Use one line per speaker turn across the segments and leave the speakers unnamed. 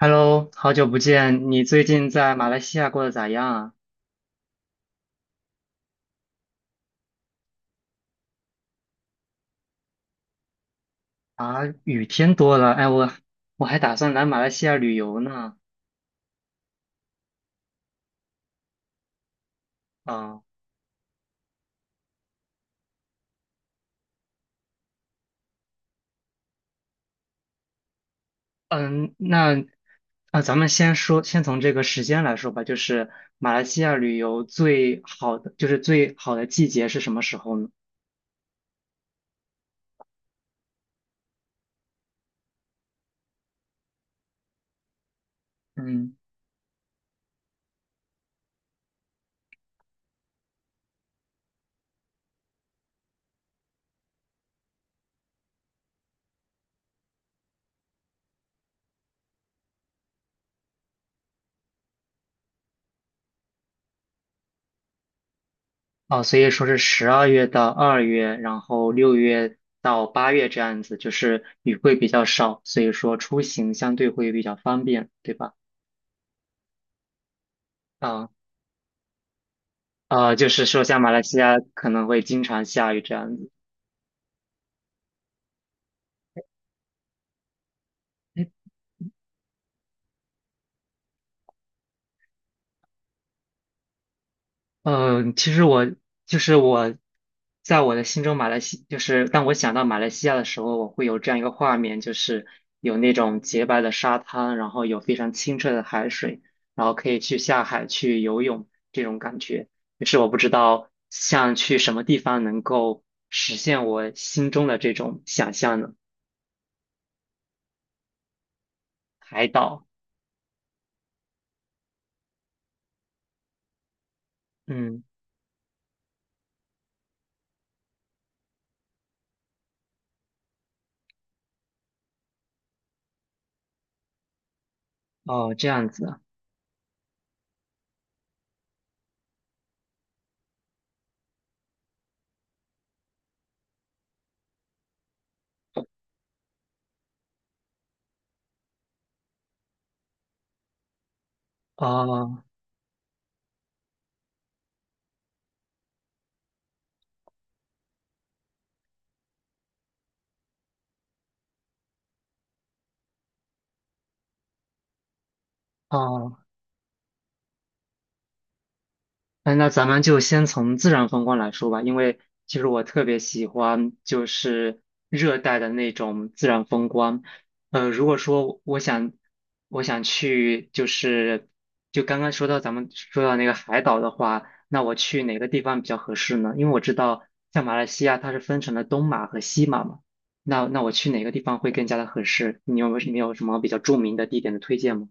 Hello，好久不见，你最近在马来西亚过得咋样啊？啊，雨天多了，哎，我还打算来马来西亚旅游呢。啊，嗯，那啊，咱们先说，先从这个时间来说吧，就是马来西亚旅游最好的，就是最好的季节是什么时候呢？嗯，哦，所以说是12月到二月，然后6月到8月这样子，就是雨会比较少，所以说出行相对会比较方便，对吧？啊。就是说像马来西亚可能会经常下雨这样子。嗯，其实我就是我，在我的心中，马来西就是当我想到马来西亚的时候，我会有这样一个画面，就是有那种洁白的沙滩，然后有非常清澈的海水，然后可以去下海去游泳这种感觉。就是我不知道像去什么地方能够实现我心中的这种想象呢？海岛，嗯，哦，这样子啊哦哦。哎，那咱们就先从自然风光来说吧，因为其实我特别喜欢就是热带的那种自然风光。如果说我想去就是就刚刚说到咱们说到那个海岛的话，那我去哪个地方比较合适呢？因为我知道像马来西亚它是分成了东马和西马嘛，那我去哪个地方会更加的合适？你有没有什么比较著名的地点的推荐吗？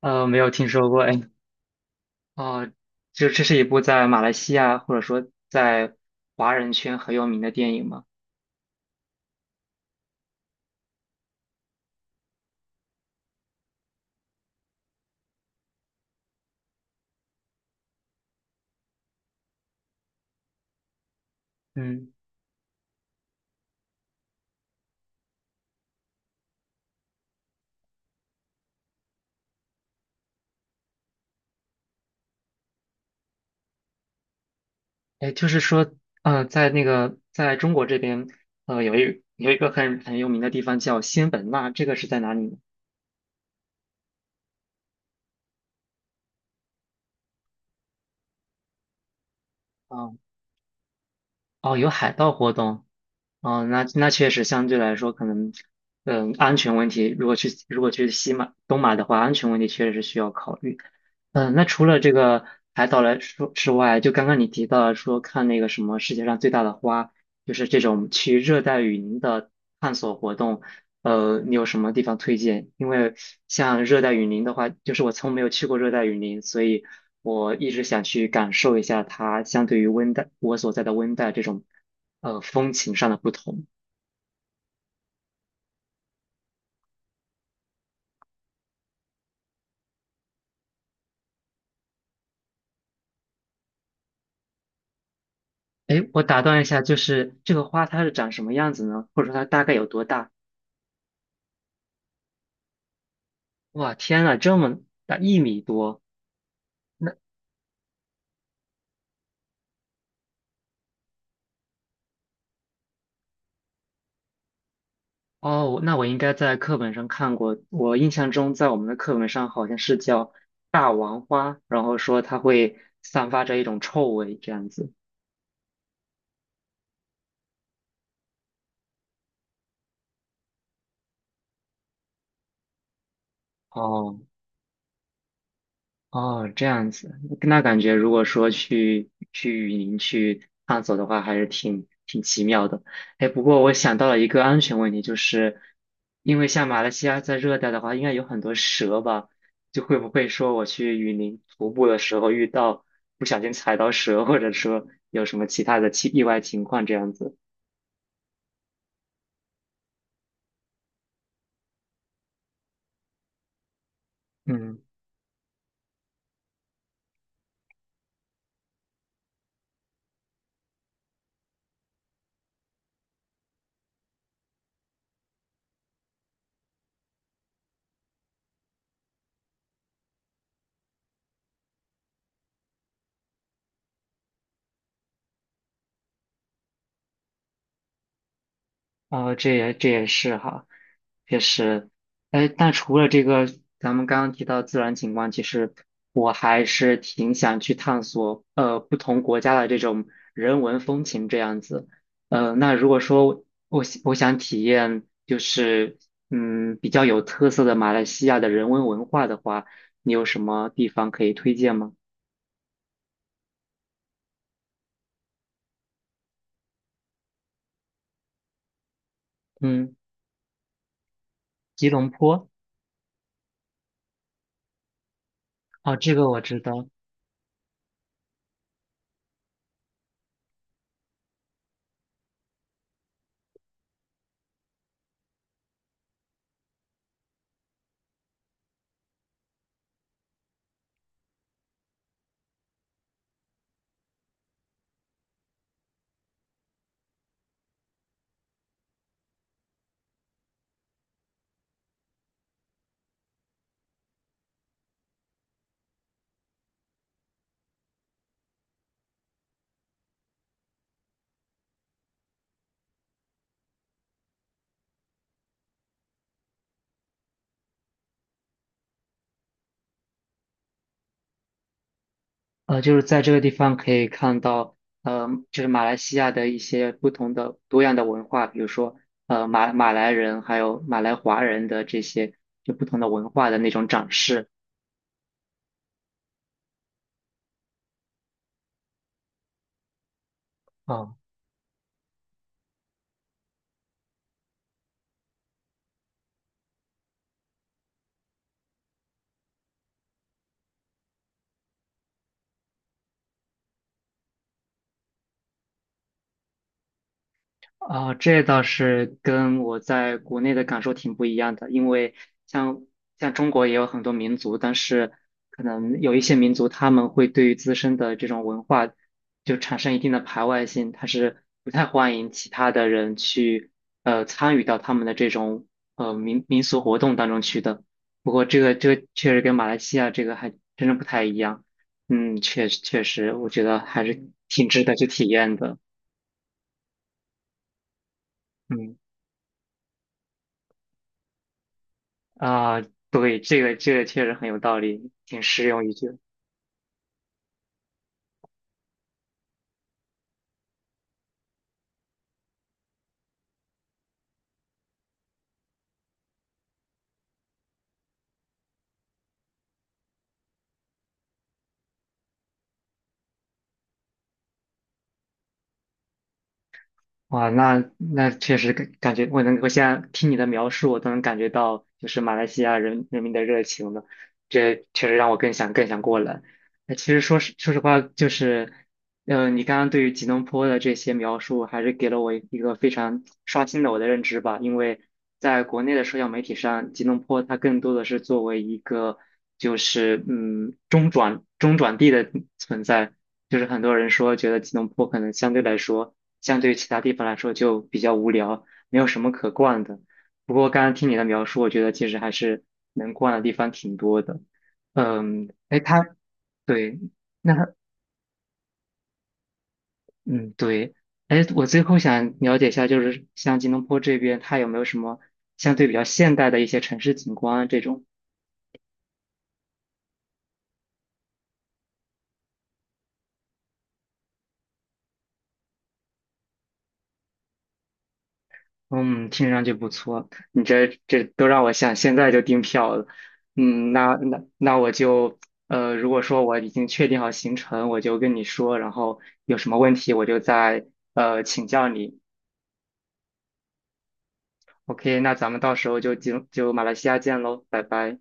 没有听说过哎。哦，就这是一部在马来西亚或者说在华人圈很有名的电影吗？嗯，哎，就是说，在那个在中国这边，有一个很很有名的地方叫仙本那，这个是在哪里呢？啊、哦，有海盗活动，哦，那那确实相对来说可能，嗯，安全问题，如果去西马东马的话，安全问题确实是需要考虑。嗯，那除了这个海岛来说之外，就刚刚你提到了说看那个什么世界上最大的花，就是这种去热带雨林的探索活动。你有什么地方推荐？因为像热带雨林的话，就是我从没有去过热带雨林，所以我一直想去感受一下它相对于温带我所在的温带这种风情上的不同。诶，我打断一下，就是这个花它是长什么样子呢？或者说它大概有多大？哇，天呐，这么大，1米多，那。哦，那我应该在课本上看过。我印象中，在我们的课本上好像是叫大王花，然后说它会散发着一种臭味，这样子。哦哦，这样子，那感觉如果说去雨林去探索的话，还是挺奇妙的。哎，不过我想到了一个安全问题，就是因为像马来西亚在热带的话，应该有很多蛇吧？就会不会说我去雨林徒步的时候遇到不小心踩到蛇，或者说有什么其他的奇意外情况这样子？嗯哦，这也这也是哈，确实，哎，但除了这个，咱们刚刚提到自然景观，其实我还是挺想去探索，不同国家的这种人文风情这样子。那如果说我想体验，就是嗯，比较有特色的马来西亚的人文文化的话，你有什么地方可以推荐吗？嗯，吉隆坡，哦，这个我知道，就是在这个地方可以看到，就是马来西亚的一些不同的多样的文化，比如说，马来人还有马来华人的这些就不同的文化的那种展示啊。啊，这倒是跟我在国内的感受挺不一样的，因为像像中国也有很多民族，但是可能有一些民族他们会对于自身的这种文化就产生一定的排外性，他是不太欢迎其他的人去参与到他们的这种民俗活动当中去的。不过这个这个确实跟马来西亚这个还真的不太一样，嗯，确实确实，我觉得还是挺值得去体验的，嗯。啊，对，这个这个确实很有道理，挺实用一句。哇，那那确实感感觉，我能，我现在听你的描述，我都能感觉到，就是马来西亚人人民的热情了。这确实让我更想更想过来。那其实说实说实话，就是，嗯、你刚刚对于吉隆坡的这些描述，还是给了我一个非常刷新了我的认知吧。因为在国内的社交媒体上，吉隆坡它更多的是作为一个，就是嗯中转地的存在，就是很多人说觉得吉隆坡可能相对来说。相对于其他地方来说就比较无聊，没有什么可逛的。不过刚刚听你的描述，我觉得其实还是能逛的地方挺多的。嗯，哎，他对，那它嗯对，哎，我最后想了解一下，就是像吉隆坡这边，它有没有什么相对比较现代的一些城市景观啊这种？嗯，听上去不错，你这这都让我想现在就订票了。嗯，那那那我就如果说我已经确定好行程，我就跟你说，然后有什么问题我就再请教你。OK，那咱们到时候就马来西亚见喽，拜拜。